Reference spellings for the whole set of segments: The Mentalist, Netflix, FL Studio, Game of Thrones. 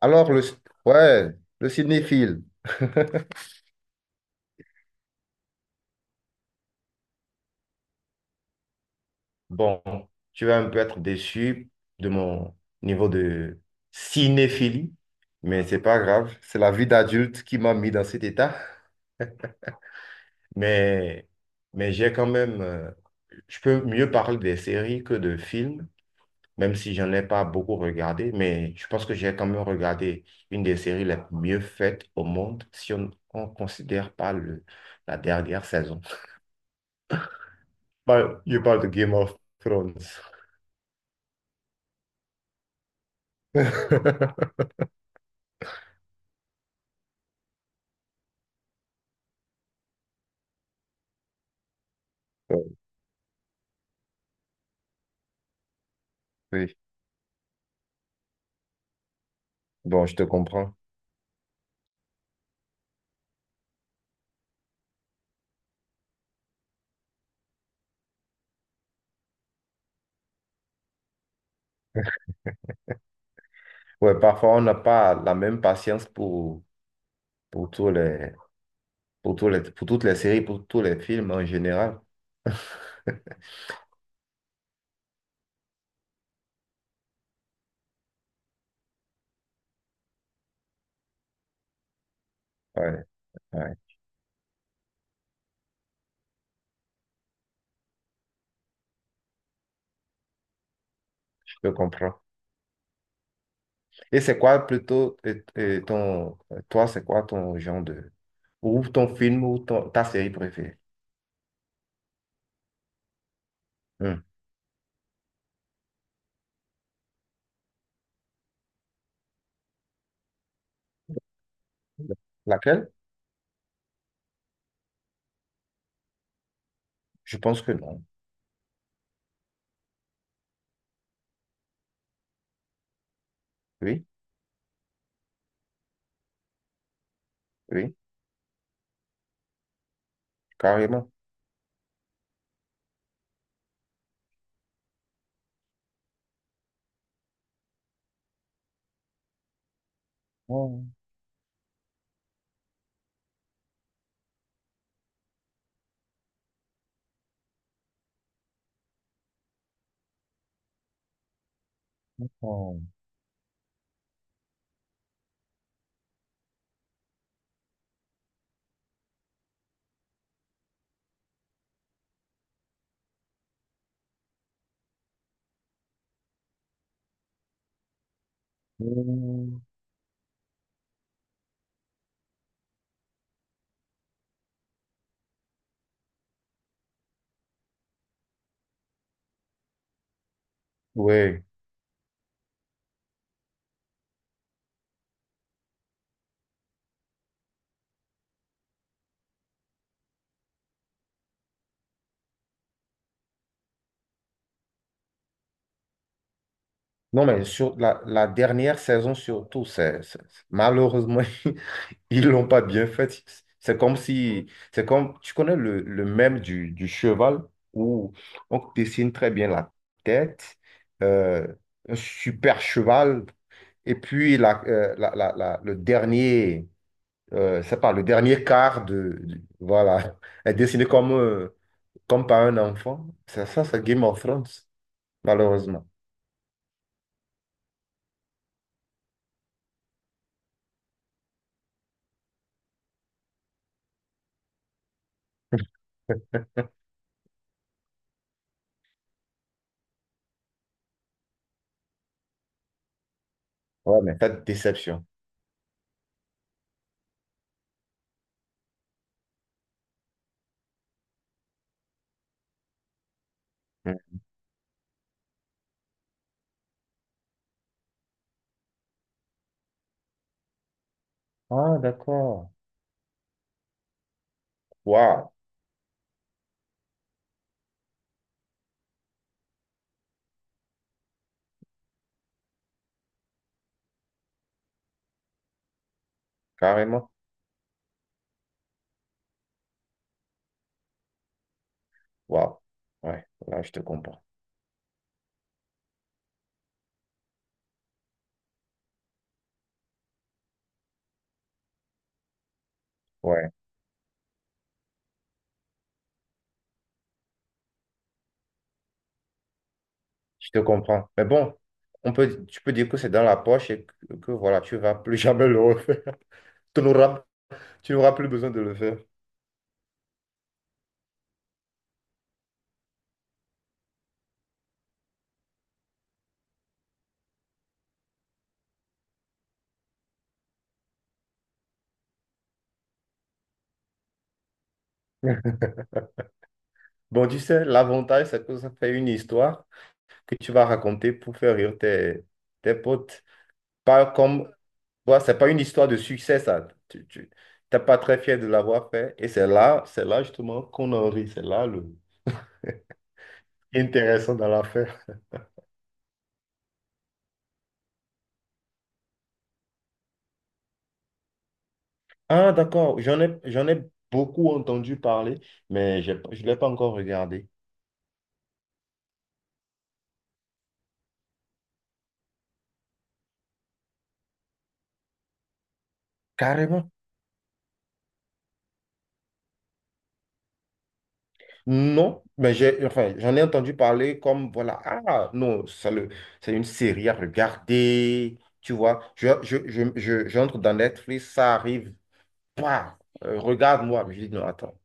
Alors, le, ouais, le cinéphile. Bon, tu vas un peu être déçu de mon niveau de cinéphilie, mais c'est pas grave. C'est la vie d'adulte qui m'a mis dans cet état. Mais, mais j'ai quand même. Je peux mieux parler des séries que de films, même si j'en ai pas beaucoup regardé. Mais je pense que j'ai quand même regardé une des séries les mieux faites au monde, si on ne considère pas la dernière saison. Bah, je parle de Game of Thrones. Ouais. Oui, bon, je te comprends. Ouais, parfois, on n'a pas la même patience pour, pour tous les, pour toutes les séries, pour tous les films en général. Ouais, ouais, je te comprends. Et c'est quoi plutôt toi, c'est quoi ton genre de, ou ton film ou ta série préférée? Hmm. Laquelle? Je pense que non. Oui, oui, carrément. Oh, oh. Hmm. Oui. Non, mais sur la dernière saison surtout, malheureusement, ils l'ont pas bien fait. C'est comme si, c'est comme, tu connais le mème du cheval où on dessine très bien la tête, euh, un super cheval, et puis le dernier, c'est pas, le dernier quart voilà, est dessiné comme par un enfant. C'est ça, c'est Game of Thrones, malheureusement. Ouais, mais cette déception. Mm. Ah, d'accord. Waouh, carrément. Waouh. Ouais, là, je te comprends. Ouais. Je te comprends. Mais bon, on peut, tu peux dire que c'est dans la poche et que voilà, tu vas plus jamais le refaire. Tu n'auras, tu n'auras plus besoin de le faire. Bon, tu sais, l'avantage, c'est que ça fait une histoire que tu vas raconter pour faire rire tes, tes potes. Pas comme, voilà, c'est pas une histoire de succès, ça. T'es pas très fier de l'avoir fait. Et c'est là justement qu'on en rit. C'est là le intéressant dans l'affaire. Ah, d'accord. J'en ai beaucoup entendu parler, mais j'ai pas- je ne l'ai pas encore regardé. Carrément. Non, mais j'ai, enfin, j'en ai entendu parler comme, voilà, ah non, c'est une série à regarder, tu vois. J'entre dans Netflix, ça arrive, bah, regarde-moi. Mais je dis non, attends.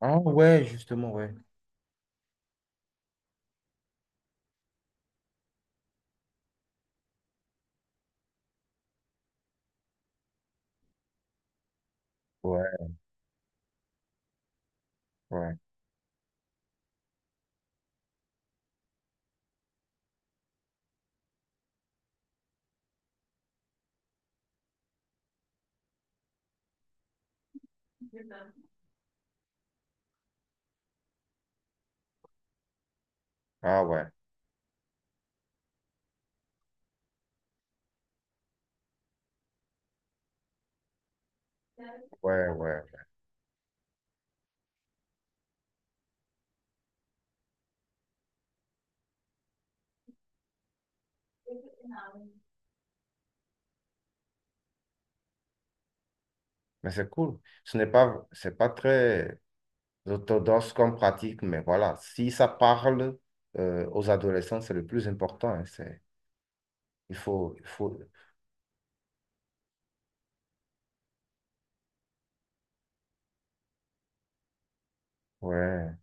Ah ouais, justement, ouais. Ouais, ouais. Ah ouais, ouais, ouais. Mais c'est cool. Ce n'est pas, c'est pas très orthodoxe comme pratique, mais voilà, si ça parle aux adolescents, c'est le plus important. Hein, c'est, il faut, ouais.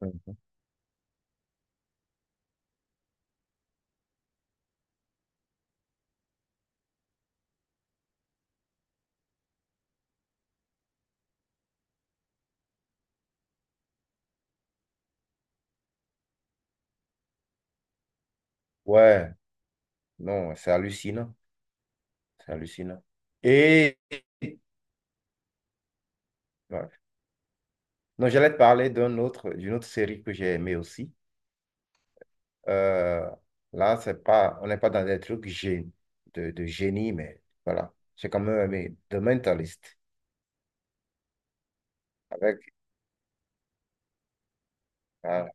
Mhm. Ouais. Non, c'est hallucinant. C'est hallucinant. Et ouais. Non, j'allais te parler d'une autre série que j'ai aimée aussi. Euh, là, c'est pas, on n'est pas dans des trucs de génie, mais voilà. J'ai quand même aimé The Mentalist. Avec, ah,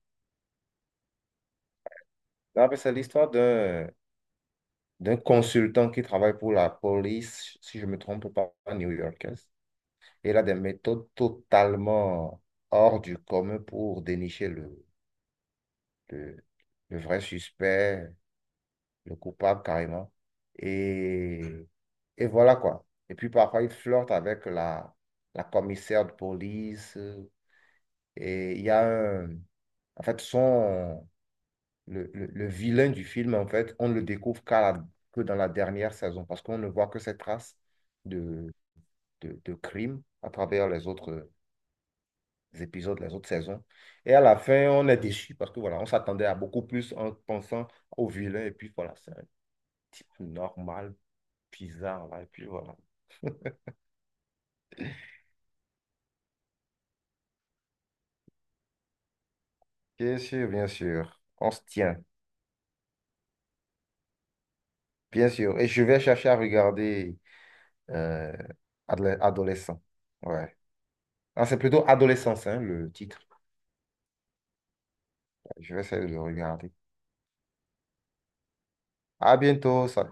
là, c'est l'histoire d'un consultant qui travaille pour la police, si je ne me trompe pas, new-yorkaise. Et il a des méthodes totalement hors du commun pour dénicher le, le vrai suspect le coupable carrément. Et, et voilà quoi. Et puis parfois, il flirte avec la commissaire de police. Et il y a un... En fait, son... Le vilain du film, en fait, on ne le découvre que dans la dernière saison parce qu'on ne voit que ses traces de, de crime à travers les autres épisodes, les autres saisons. Et à la fin, on est déçu parce que voilà, on s'attendait à beaucoup plus en pensant au vilain. Et puis voilà, c'est un type normal bizarre là. Et puis voilà. Bien sûr, bien sûr. On se tient. Bien sûr. Et je vais chercher à regarder euh, Adolescent. Ouais. Ah, c'est plutôt Adolescence, hein, le titre. Je vais essayer de le regarder. À bientôt. Ça-